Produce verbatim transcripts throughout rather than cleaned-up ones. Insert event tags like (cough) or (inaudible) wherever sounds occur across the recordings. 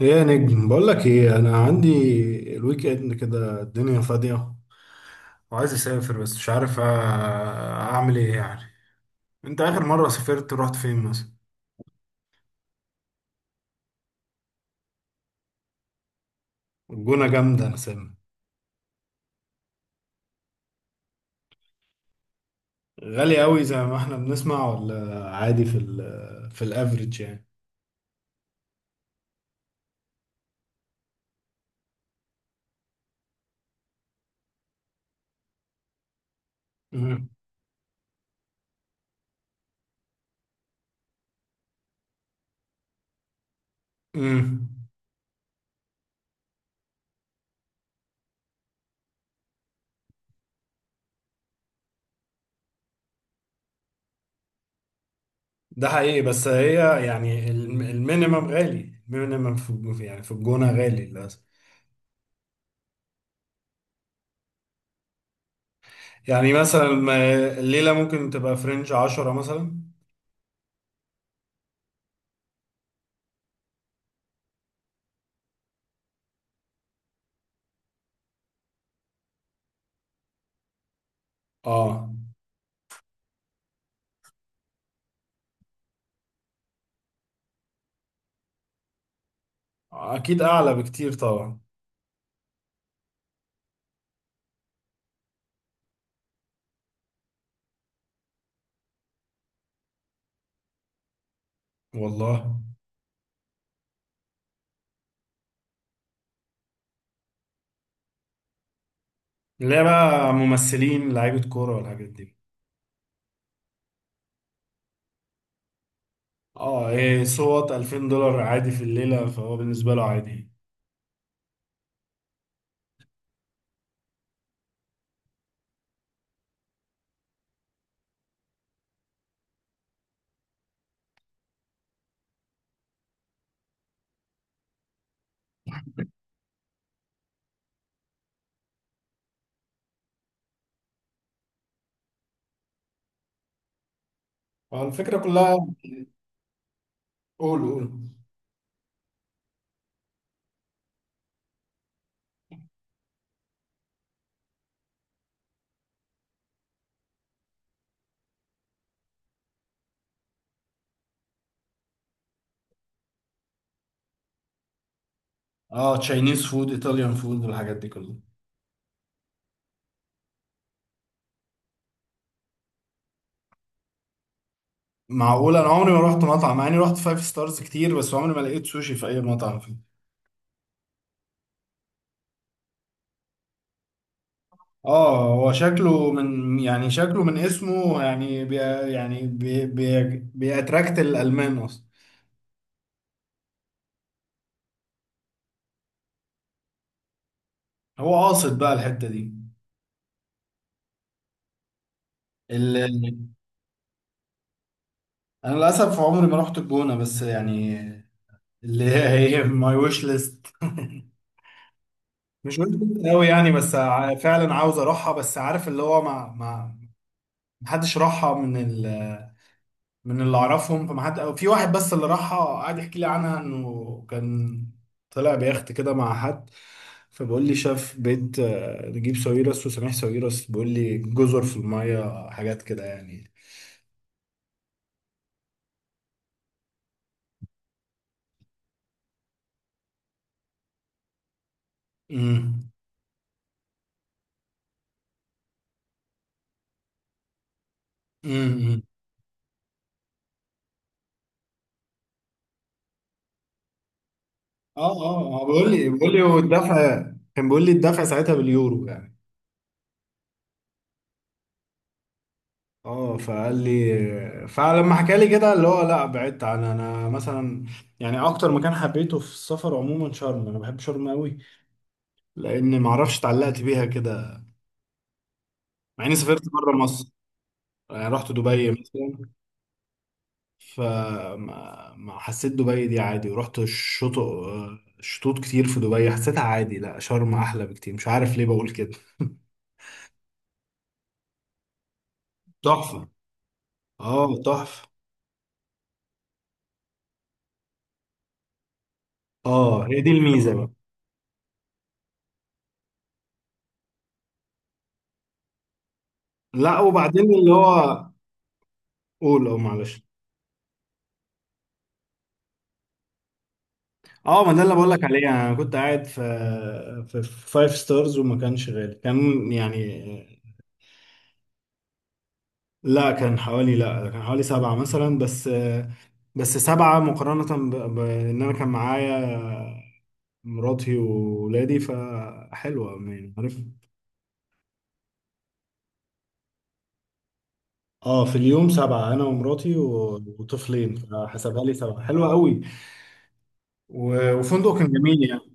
ايه يا نجم، بقول لك ايه. انا عندي الويك اند كده، الدنيا فاضيه وعايز اسافر بس مش عارف أ- اعمل ايه يعني. انت اخر مره سافرت رحت فين مثلا؟ الجونه جامده، انا سامع. غالي قوي زي ما احنا بنسمع ولا عادي في ال في الافريج يعني؟ امم. أمم. ده حقيقي، بس هي يعني الم- المينيمم غالي، المينيمم في في- يعني في الجونه غالي للاسف. يعني مثلا ما- الليله ممكن تبقى فرنج عشرة مثلا. اه، اكيد اعلى بكتير طبعا. والله. اللي هي بقى ممثلين لعيبه كوره والحاجات دي. اه، إيه، صوت ألفين دولار عادي في الليله، فهو بالنسبه له عادي. فالفكره كلها... قول، قول. اه، تشاينيز فود، ايطاليان فود، والحاجات دي كلها. معقول؟ انا عمري ما رحت مطعم، مع اني رحت فايف ستارز كتير، بس عمري ما لقيت سوشي في اي مطعم فيه. اه، هو شكله من، يعني شكله من اسمه، يعني بي. يعني بي بي. بيأتراكت الالمان اصلا. هو قاصد بقى الحته دي. انا للاسف عمري ما رحت الجونه، بس يعني اللي هي، هي ماي ويش ليست (laughs) مش ويش ليست قوي يعني، بس ع- فعلا عاوز اروحها، بس عارف اللي هو ما ما محدش راحها من ال من اللي اعرفهم، فما حد، أو في واحد بس اللي راحها قعد يحكي لي عنها، انه كان طلع بيخت كده مع حد، فبقول لي شاف بيت آه، نجيب ساويرس وسميح ساويرس، بيقول لي جزر في الميه، حاجات كده يعني. امم. اه، اه، آه، بقول لي، بقول لي والدفع كان بيقول لي، الدفع ساعتها باليورو يعني. اه، فقال لي، فلما حكى لي كده اللي هو، لا، بعدت عن، انا مثلا يعني اكتر مكان حبيته في السفر عموما شرم، انا بحب شرم قوي، لان ما اعرفش اتعلقت بيها كده. مع اني سافرت بره مصر، يعني رحت دبي مثلا، فما ما حسيت دبي دي عادي، ورحت الشطوط، شطوط كتير في دبي، حسيتها عادي. لا، شرم احلى بكتير، مش عارف ليه بقول كده. تحفة. اه، تحفة. اه، هي دي الميزه بقى. لا، وبعدين اللي هو... قول، اه، معلش. اه، ما ده اللي بقول لك عليه يعني، انا كنت قاعد في في فايف ستارز، وما كانش غالي، كان يعني... لا كان حوالي، لا كان حوالي سبعة مثلا بس، بس سبعة مقارنة ب- بان انا كان معايا مراتي وولادي، فحلوة يعني، عارف. اه، في اليوم سبعة، انا ومراتي و- وطفلين، فحسبها لي سبعة، حلوة قوي. و- وفندق كان جميل يعني.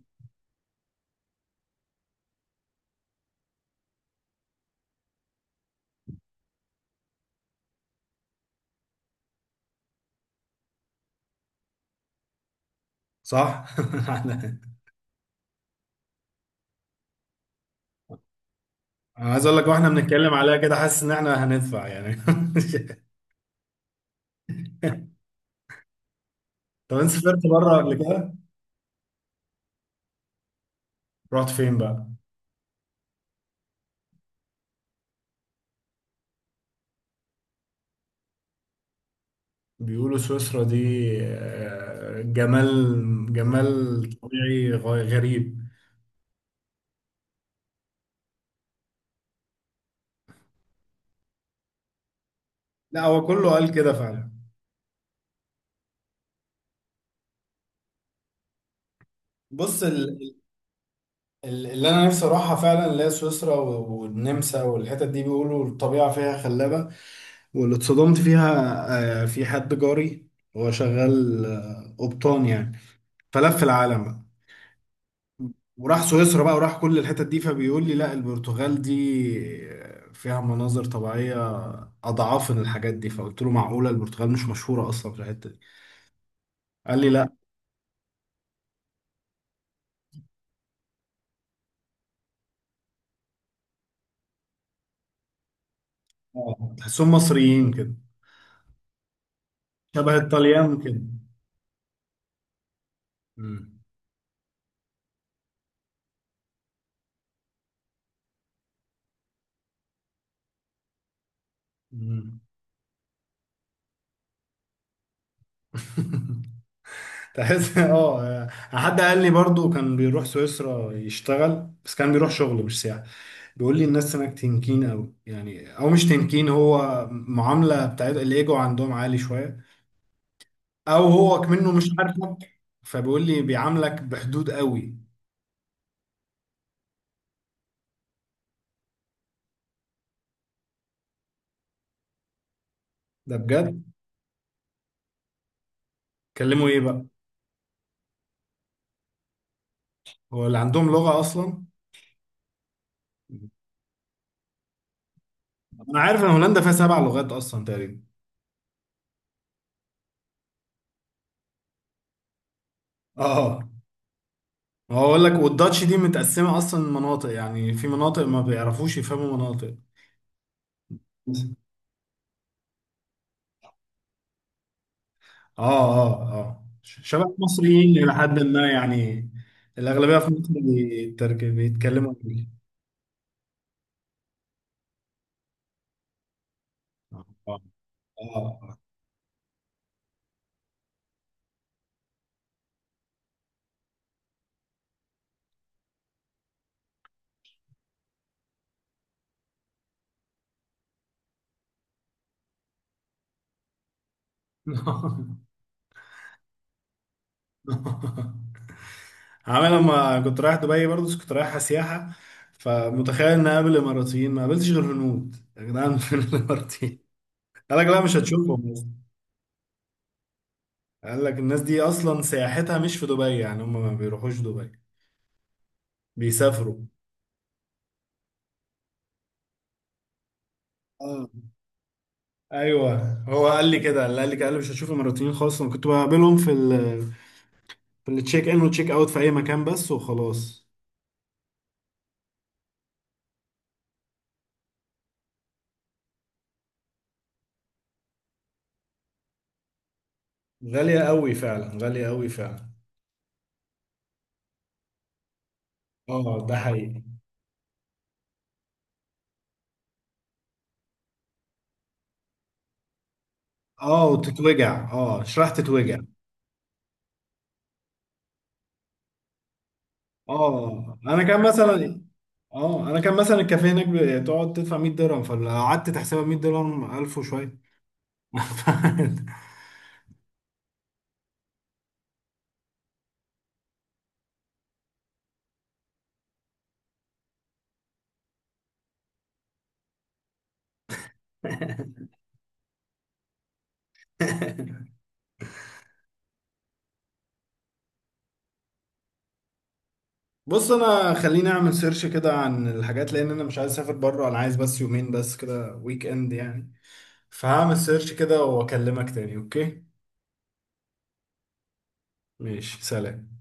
صح. (laughs) انا عايز اقول لك، واحنا بنتكلم عليها كده، حاسس ان احنا هندفع يعني. (laughs) طب انت سافرت بره قبل كده؟ رحت فين بقى؟ بيقولوا سويسرا دي آه، جمال، جمال طبيعي غ- غريب. لا، هو كله قال كده فعلا. بص ال- ال- اللي انا نفسي اروحها فعلا، اللي هي سويسرا و- والنمسا والحتت دي، بيقولوا الطبيعه فيها خلابه. واللي اتصدمت فيها، آه، في حد جاري، هو شغال آه، قبطان يعني، فلف العالم بقى، وراح سويسرا بقى، وراح كل الحتت دي، فبيقول لي لا، البرتغال دي فيها مناظر طبيعية أضعافن الحاجات دي. فقلت له معقولة؟ البرتغال مش مشهورة أصلا في الحتة دي. قال لي لا. آه، تحسهم مصريين كده. شبه الطليان كده. مم. مم. (laughs) تحس، اه يعني حد قال لي برضو كان بيروح سويسرا يشتغل، بس كان بيروح شغل مش سياحة. بيقول لي الناس هناك تنكين قوي يعني، او مش تنكين، هو معاملة بتاعت الايجو عندهم عالي شوية، او هو كمنه مش عارفك فبيقول لي بيعاملك بحدود قوي. ده بجد؟ كلمه ايه بقى؟ هو اللي عندهم لغة اصلا؟ انا عارف ان هولندا فيها سبع لغات اصلا تقريبا. اه، ما هو اقول لك، والداتش دي متقسمة اصلا مناطق، يعني في مناطق ما بيعرفوش يفهموا مناطق. اه، اه، اه، شبه المصريين الى حد ما يعني. الاغلبية في مصر بيترك- بيتكلموا انجليزي. اه. اه. آه. (laughs) عامل لما كنت رايح دبي برضه، بس كنت رايح سياحة، فمتخيل ان اقابل اماراتيين، ما قابلتش غير هنود يا جدعان. (laughs) فين الاماراتيين؟ قال لك لا مش هتشوفهم أصلاً. قال لك الناس دي اصلا سياحتها مش في دبي، يعني هم ما بيروحوش دبي، بيسافروا. اه، ايوه، هو قال لي كده، قال لي كده، قال لي مش هشوف اماراتيين خالص. انا كنت بقابلهم في ال في التشيك ان والتشيك اوت، في اي مكان بس وخلاص. غالية قوي فعلا، غالية قوي فعلا. اه، ده حقيقي. اه، وتتوجع، اه شريحة تتوجع. اه، انا كان مثلا، اه، انا كان مثلا الكافيه هناك بتقعد تدفع مئة درهم، فلو قعدت تحسبها مئة درهم ألف وشويه. (laughs) بص، انا خليني اعمل سيرش كده عن الحاجات، لان انا مش عايز اسافر بره، انا عايز بس يومين بس كده، ويك اند يعني. فهعمل سيرش كده، واكلمك تاني، اوكي؟ ماشي، سلام.